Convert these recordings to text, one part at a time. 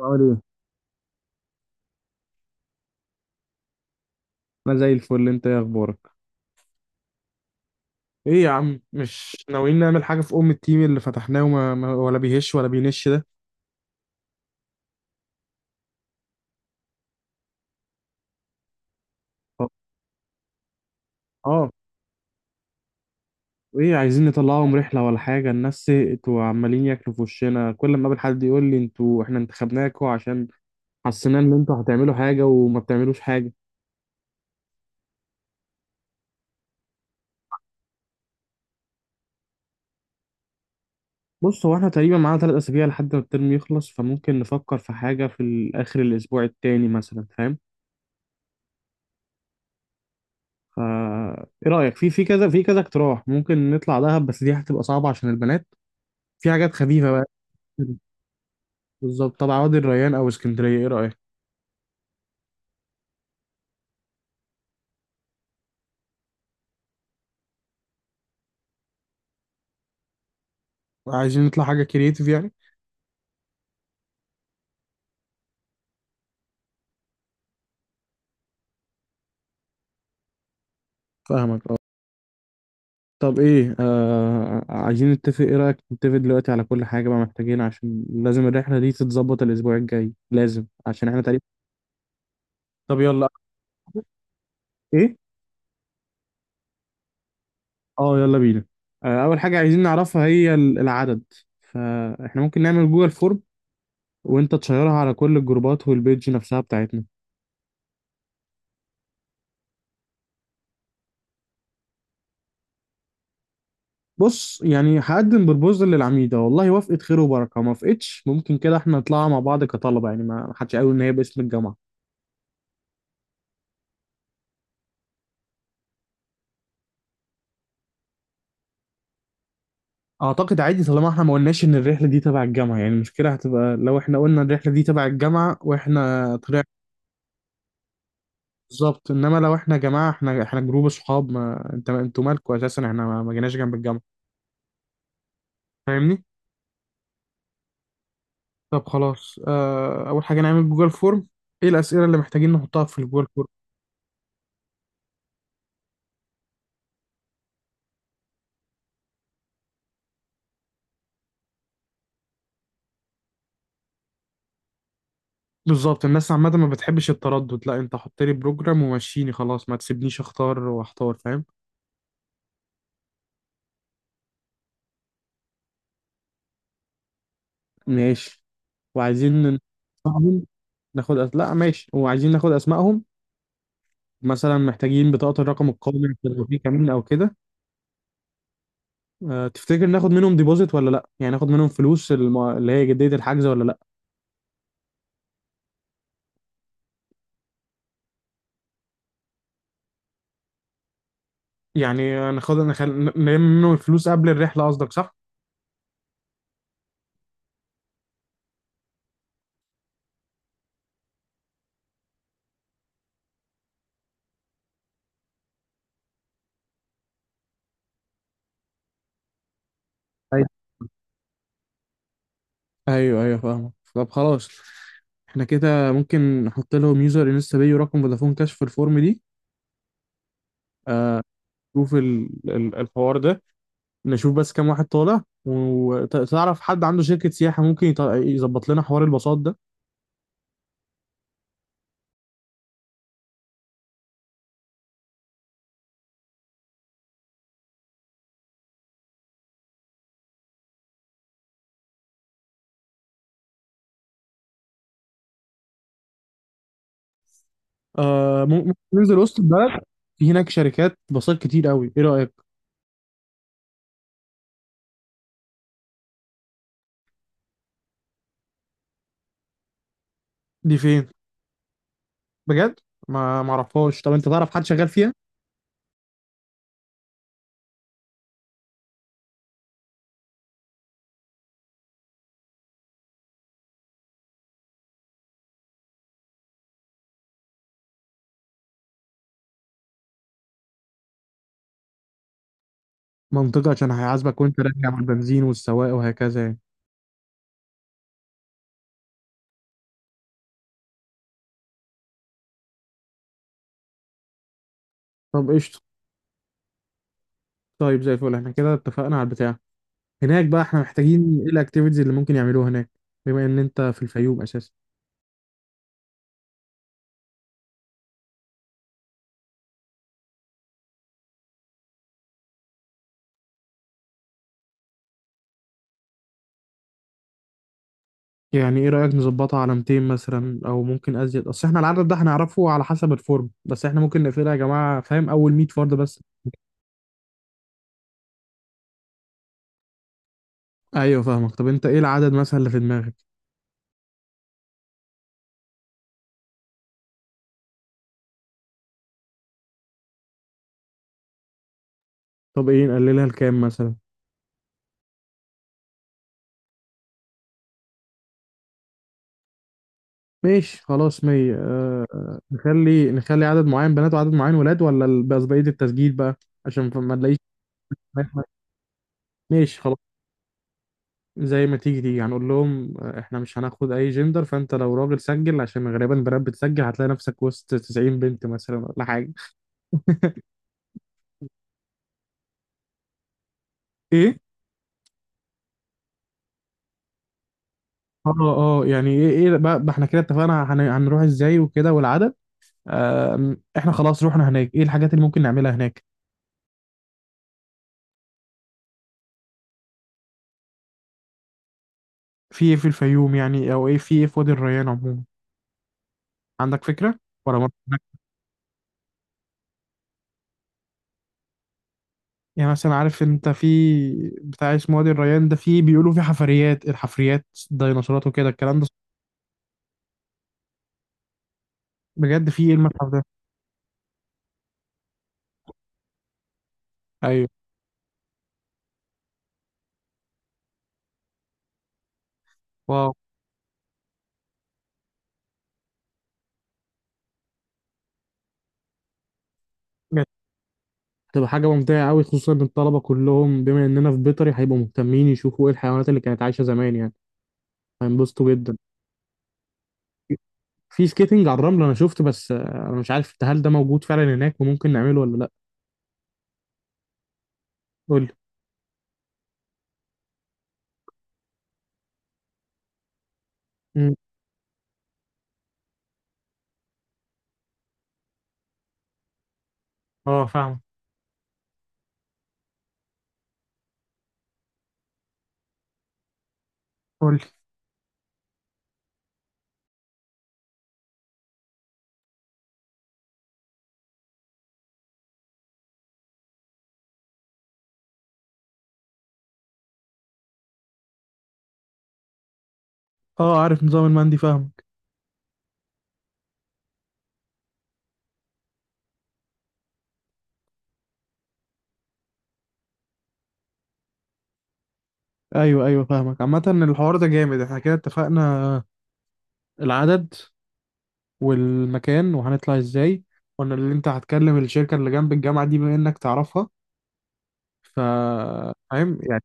عامل ايه؟ انا زي الفل، انت ايه اخبارك؟ ايه يا عم، مش ناويين نعمل حاجه في ام التيم اللي فتحناه؟ وما ما- ولا بيهش ولا بينش ده. اه، ايه، عايزين نطلعهم رحله ولا حاجه؟ الناس سئت وعمالين ياكلوا في وشنا، كل ما اقابل حد يقول لي انتوا، احنا انتخبناكوا عشان حسينا ان انتوا هتعملوا حاجه وما بتعملوش حاجه. بص، هو احنا تقريبا معانا ثلاث اسابيع لحد ما الترم يخلص، فممكن نفكر في حاجه في اخر الاسبوع التاني مثلا، فاهم؟ فا ايه رايك في كذا اقتراح؟ ممكن نطلع دهب، بس دي هتبقى صعبه عشان البنات. في حاجات خفيفة بقى. بالظبط. طب عوادي الريان أو اسكندرية، إيه رأيك؟ عايزين نطلع حاجة كرييتيف يعني؟ فاهمك، اه. طب إيه، عايزين نتفق، إيه رأيك نتفق دلوقتي على كل حاجة بقى؟ محتاجين عشان لازم الرحلة دي تتظبط الأسبوع الجاي، لازم، عشان إحنا تقريبا. طب يلا. إيه؟ أه، يلا بينا. أول حاجة عايزين نعرفها هي العدد. فإحنا ممكن نعمل جوجل فورم وأنت تشيرها على كل الجروبات والبيج نفسها بتاعتنا. بص، يعني هقدم بربوزل للعميدة، والله وافقت خير وبركة، ما وافقتش ممكن كده احنا نطلعها مع بعض كطلبة، يعني ما حدش قال ان هي باسم الجامعة. اعتقد عادي طالما احنا ما قلناش ان الرحلة دي تبع الجامعة، يعني المشكلة هتبقى لو احنا قلنا الرحلة دي تبع الجامعة واحنا طلعنا. بالظبط، انما لو احنا يا جماعة، احنا جروب صحاب، ما انت انتوا مالكوا اساسا، احنا ما جيناش جنب الجامعة. فاهمني؟ طب خلاص، اه، اول حاجة نعمل جوجل فورم. ايه الأسئلة اللي محتاجين نحطها في الجوجل فورم؟ بالظبط، الناس عامة ما بتحبش التردد، لا، انت حط لي بروجرام ومشيني خلاص، ما تسيبنيش اختار واحتار، فاهم؟ ماشي. وعايزين ن- اسمائهم. لا ماشي، وعايزين ناخد اسمائهم. مثلا محتاجين بطاقة الرقم القومي عشان لو في كمين او كده. أه، تفتكر ناخد منهم ديبوزيت ولا لا، يعني ناخد منهم فلوس اللي هي جدية الحجز ولا لا؟ يعني نلم منهم الفلوس قبل الرحلة قصدك، صح؟ أيوة. ايوه ايوه، فاهمك. طب خلاص، احنا كده ممكن نحط لهم يوزر انستا باي ورقم فودافون كاش في الفورم دي. آه. شوف الحوار ده، نشوف بس كام واحد طالع، وتعرف حد عنده شركة سياحة ممكن يظبط لنا حوار الباصات ده. آه، ممكن ننزل وسط البلد، في هناك شركات باصات كتير قوي، ايه رأيك؟ دي فين؟ بجد؟ ما معرفهاش، طب انت تعرف حد شغال فيها؟ منطقة، عشان هيعذبك وانت راجع من البنزين والسواق وهكذا يعني. طب قشطة. طيب زي الفل، احنا كده اتفقنا على البتاع. هناك بقى احنا محتاجين ايه الاكتيفيتيز اللي ممكن يعملوها هناك، بما ان انت في الفيوم اساسا؟ يعني ايه رأيك نظبطها على 200 مثلا او ممكن ازيد؟ اصل احنا العدد ده هنعرفه على حسب الفورم، بس احنا ممكن نقفلها يا جماعة، فاهم؟ اول 100 فرد بس. ايوه فاهمك. طب انت ايه العدد مثلا اللي في دماغك؟ طب ايه، نقللها لكام مثلا؟ ماشي خلاص، 100. آه آه، نخلي عدد معين بنات وعدد معين ولاد، ولا بس بقية التسجيل بقى عشان ما نلاقيش. ماشي خلاص. زي ما تيجي تيجي، هنقول لهم آه، احنا مش هناخد اي جندر، فانت لو راجل سجل، عشان غالبا بنات بتسجل هتلاقي نفسك وسط 90 بنت مثلا ولا حاجة. ايه. اه. اه يعني ايه، ايه بقى، احنا كده اتفقنا هنروح ازاي وكده والعدد. آم، احنا خلاص روحنا هناك، ايه الحاجات اللي ممكن نعملها هناك؟ في ايه في الفيوم يعني، او ايه في ايه في وادي الريان عموما؟ عندك فكرة ولا ما؟ يعني مثلا عارف انت في بتاع اسمه وادي الريان ده، في بيقولوا في حفريات، الحفريات ديناصورات وكده الكلام ده. بجد؟ في ايه المتحف ده؟ ايوه. واو. بجد؟ هتبقى حاجة ممتعة قوي، خصوصا ان الطلبة كلهم بما اننا في بيطري هيبقوا مهتمين يشوفوا ايه الحيوانات اللي كانت عايشة زمان يعني. هينبسطوا جدا. في سكيتنج على الرمل انا شفت، بس آه، انا مش عارف هل ده موجود فعلا هناك وممكن نعمله ولا لا. قول لي. مم. اه فاهم. قول لي. اه، عارف نظام المندي، فاهمك. ايوه ايوه، فاهمك. عامة الحوار ده جامد، احنا كده اتفقنا. العدد والمكان وهنطلع ازاي، قلنا اللي انت هتكلم الشركة اللي جنب الجامعة دي بما انك تعرفها. ف، فاهم يعني.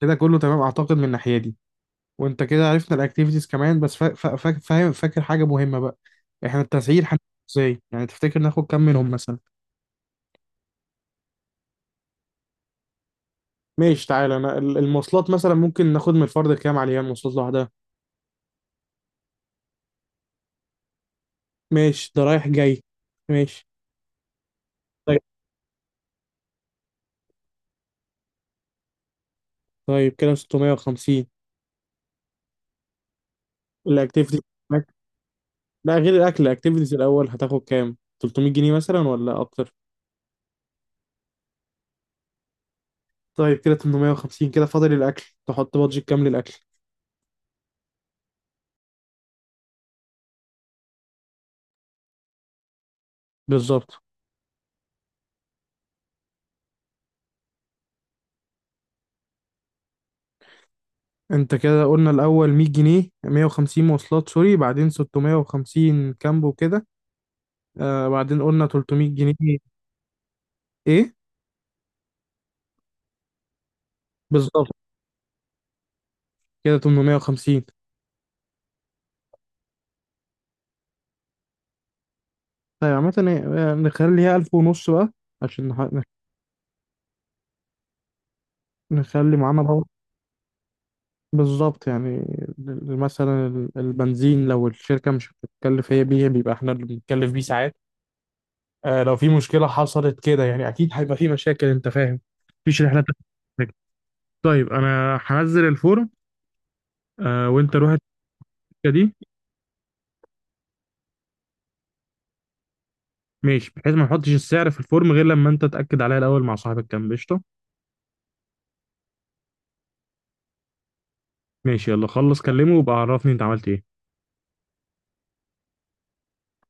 كده كله تمام اعتقد من الناحية دي. وانت كده عرفنا الاكتيفيتيز كمان، بس فاهم، فاكر حاجة مهمة بقى، احنا التسعير هنعمله ازاي؟ يعني تفتكر ناخد كام منهم مثلا؟ ماشي، تعالى، انا المواصلات مثلا ممكن ناخد من الفرد كام عليها، المواصلات لوحدها؟ ماشي، ده رايح جاي. ماشي. طيب. طيب كده 650. الاكتيفيتيز. لا غير الاكل، الاكتيفيتيز الاول هتاخد كام، 300 جنيه مثلا ولا اكتر؟ طيب كده 850، كده فاضل الاكل، تحط بادجت كام للاكل؟ بالظبط. انت كده قلنا الاول 100 جنيه، 150 مواصلات، سوري، بعدين 650 كامب وكده، آه بعدين قلنا 300 جنيه. ايه. بالظبط. كده 850. طيب عامة إيه، إيه، نخليها ألف ونص بقى، عشان نخلي معانا باور. بالظبط يعني مثلا البنزين لو الشركة مش بتتكلف هي بيه، بيبقى احنا اللي بنتكلف بيه ساعات. آه لو في مشكلة حصلت كده يعني، أكيد هيبقى في مشاكل، أنت فاهم، مفيش رحلة بتبقى. طيب أنا هنزل الفورم آه، وأنت روح الشركة دي. ماشي، بحيث ما نحطش السعر في الفورم غير لما أنت تأكد عليها الأول مع صاحب الكام. قشطة. ماشي، يلا خلص كلمه وبقى عرفني أنت عملت إيه.